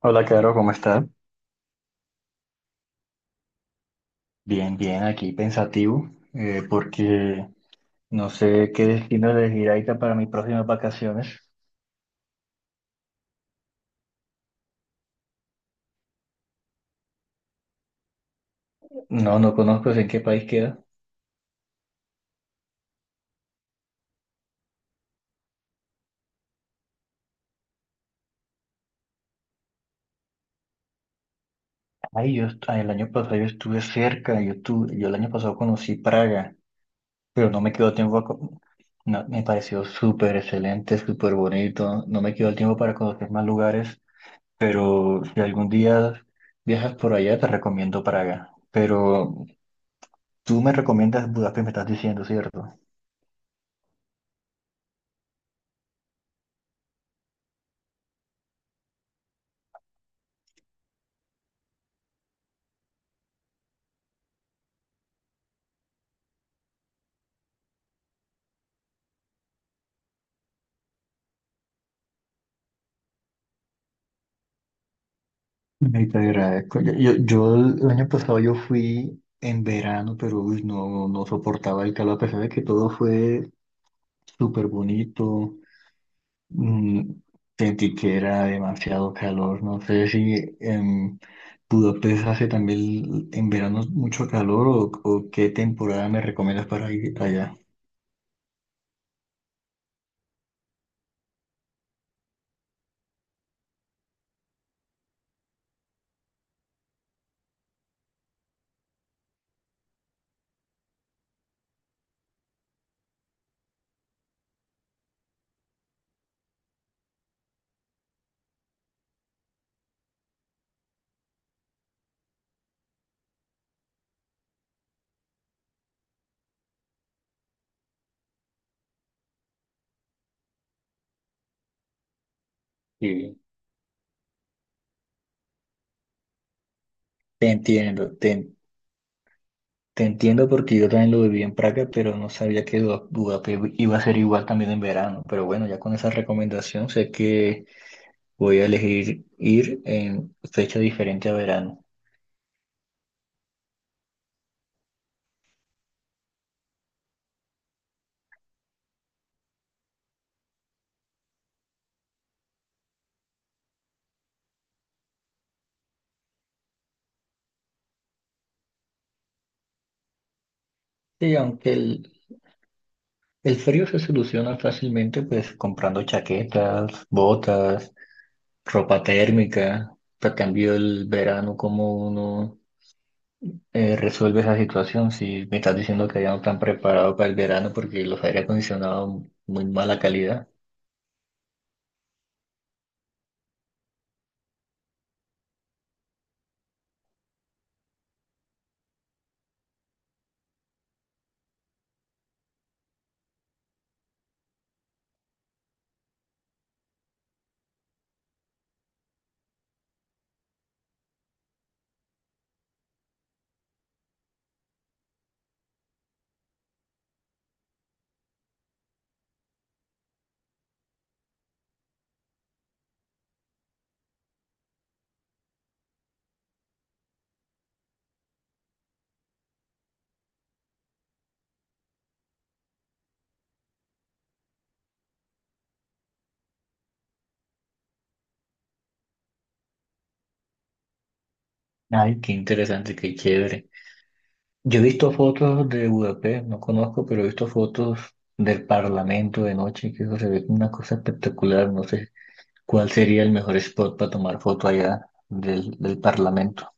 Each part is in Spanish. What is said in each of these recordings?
Hola, Caro, ¿cómo estás? Bien, bien, aquí pensativo, porque no sé qué destino elegir ahorita para mis próximas vacaciones. No, no conozco en qué país queda. Ay, el año pasado yo estuve cerca, yo el año pasado conocí Praga, pero no me quedó tiempo a co- no, me pareció súper excelente, súper bonito, no me quedó el tiempo para conocer más lugares, pero si algún día viajas por allá, te recomiendo Praga. Pero tú me recomiendas Budapest, me estás diciendo, ¿cierto? Ay, te agradezco. Yo el año pasado yo fui en verano, pero uy, no, no soportaba el calor, a pesar de que todo fue súper bonito. mm, Sentí que era demasiado calor. No sé si en Budapest hace también en verano mucho calor o qué temporada me recomiendas para ir allá. Sí, te entiendo, te Te entiendo porque yo también lo viví en Praga, pero no sabía que Budapest iba a ser igual también en verano. Pero bueno, ya con esa recomendación sé que voy a elegir ir en fecha diferente a verano. Sí, el frío se soluciona fácilmente, pues comprando chaquetas, botas, ropa térmica. Te cambio el verano, como uno resuelve esa situación. Si me estás diciendo que ya no están preparados para el verano porque los aire acondicionados muy mala calidad. Ay, qué interesante, qué chévere. Yo he visto fotos de Budapest, no conozco, pero he visto fotos del Parlamento de noche, que eso se ve como una cosa espectacular. No sé cuál sería el mejor spot para tomar foto allá del Parlamento.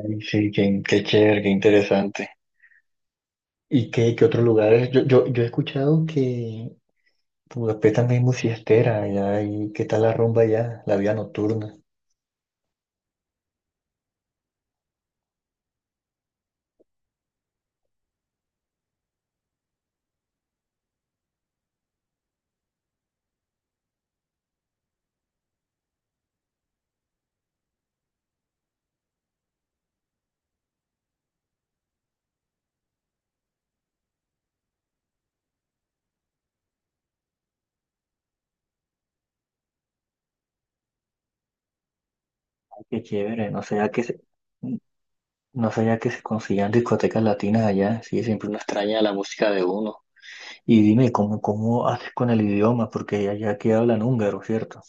Ay, sí, qué chévere, qué interesante. ¿Y qué otros lugares? Yo he escuchado que Budapest también es muy fiestera, allá, y qué tal la rumba allá, la vida nocturna. Qué chévere, no sé a qué se- No sabía que se conseguían discotecas latinas allá. Sí, siempre uno extraña la música de uno. Y dime, cómo haces con el idioma? Porque allá que hablan húngaro, ¿cierto?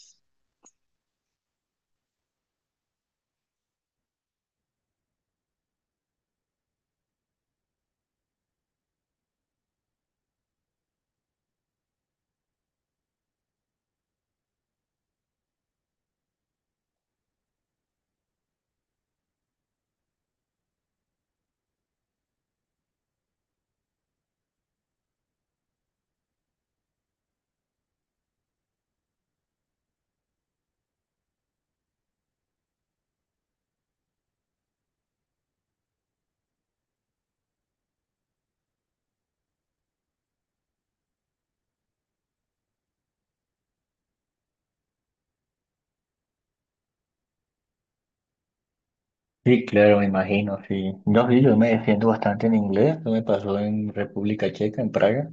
Sí, claro, me imagino, sí. No, sí, yo me defiendo bastante en inglés. Eso me pasó en República Checa, en Praga,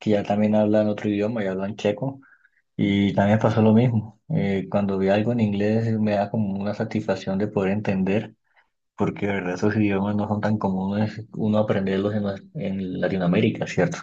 que ya también hablan otro idioma, ya hablan checo. Y también pasó lo mismo. Cuando vi algo en inglés me da como una satisfacción de poder entender, porque de verdad esos idiomas no son tan comunes uno aprenderlos en Latinoamérica, ¿cierto?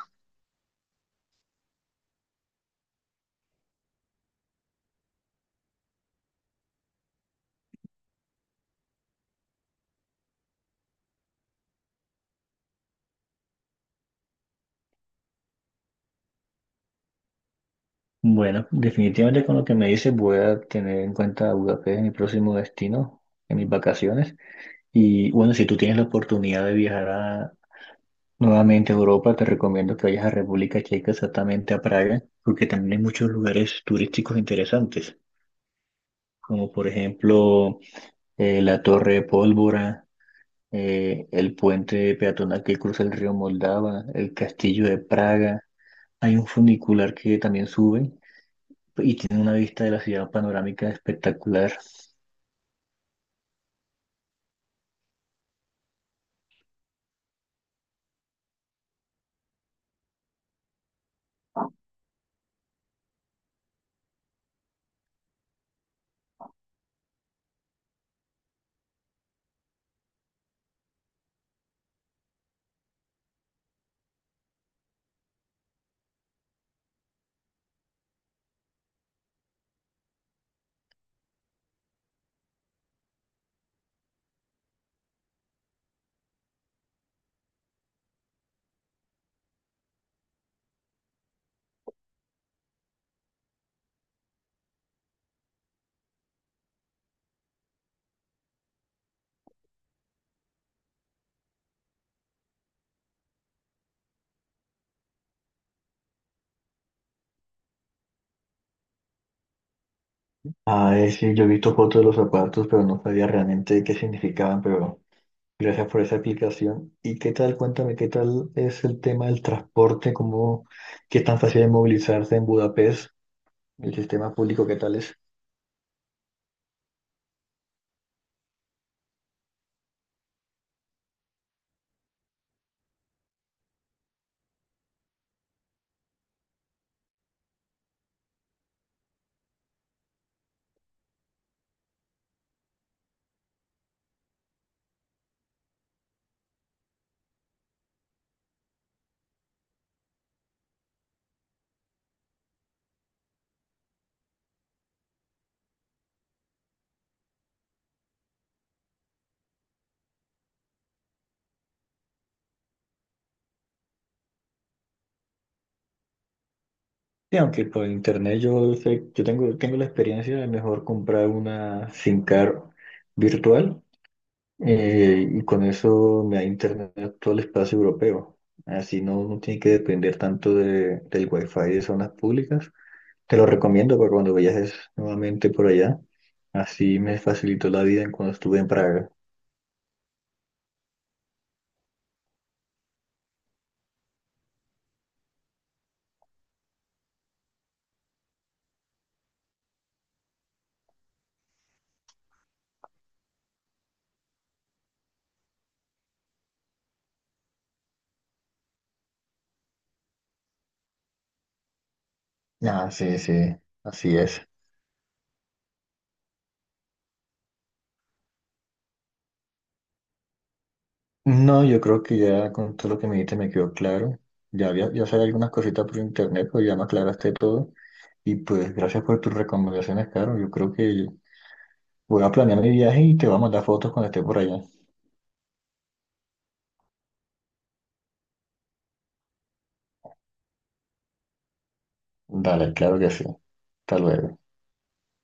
Bueno, definitivamente con lo que me dices voy a tener en cuenta Budapest en mi próximo destino, en mis vacaciones. Y bueno, si tú tienes la oportunidad de nuevamente a Europa, te recomiendo que vayas a República Checa, exactamente a Praga, porque también hay muchos lugares turísticos interesantes, como por ejemplo la Torre de Pólvora, el puente peatonal que cruza el río Moldava, el Castillo de Praga. Hay un funicular que también sube y tiene una vista de la ciudad panorámica espectacular. Ah, sí, yo he visto fotos de los zapatos, pero no sabía realmente qué significaban, pero gracias por esa aplicación. ¿Y qué tal? Cuéntame, ¿qué tal es el tema del transporte? ¿Cómo, qué tan fácil es movilizarse en Budapest? ¿El sistema público qué tal es? Sí, aunque por internet yo sé, tengo la experiencia de mejor comprar una SIM card virtual. Y con eso me da internet a todo el espacio europeo. Así no tiene que depender tanto del wifi de zonas públicas. Te lo recomiendo para cuando viajes nuevamente por allá. Así me facilitó la vida en cuando estuve en Praga. Ah, sí, sí, así es. No, yo creo que ya con todo lo que me dijiste me quedó claro. Ya sabía algunas cositas por internet, pero ya me aclaraste todo. Y pues gracias por tus recomendaciones, Caro. Yo creo que voy a planear mi viaje y te voy a mandar fotos cuando esté por allá. Dale, claro que sí. Hasta luego.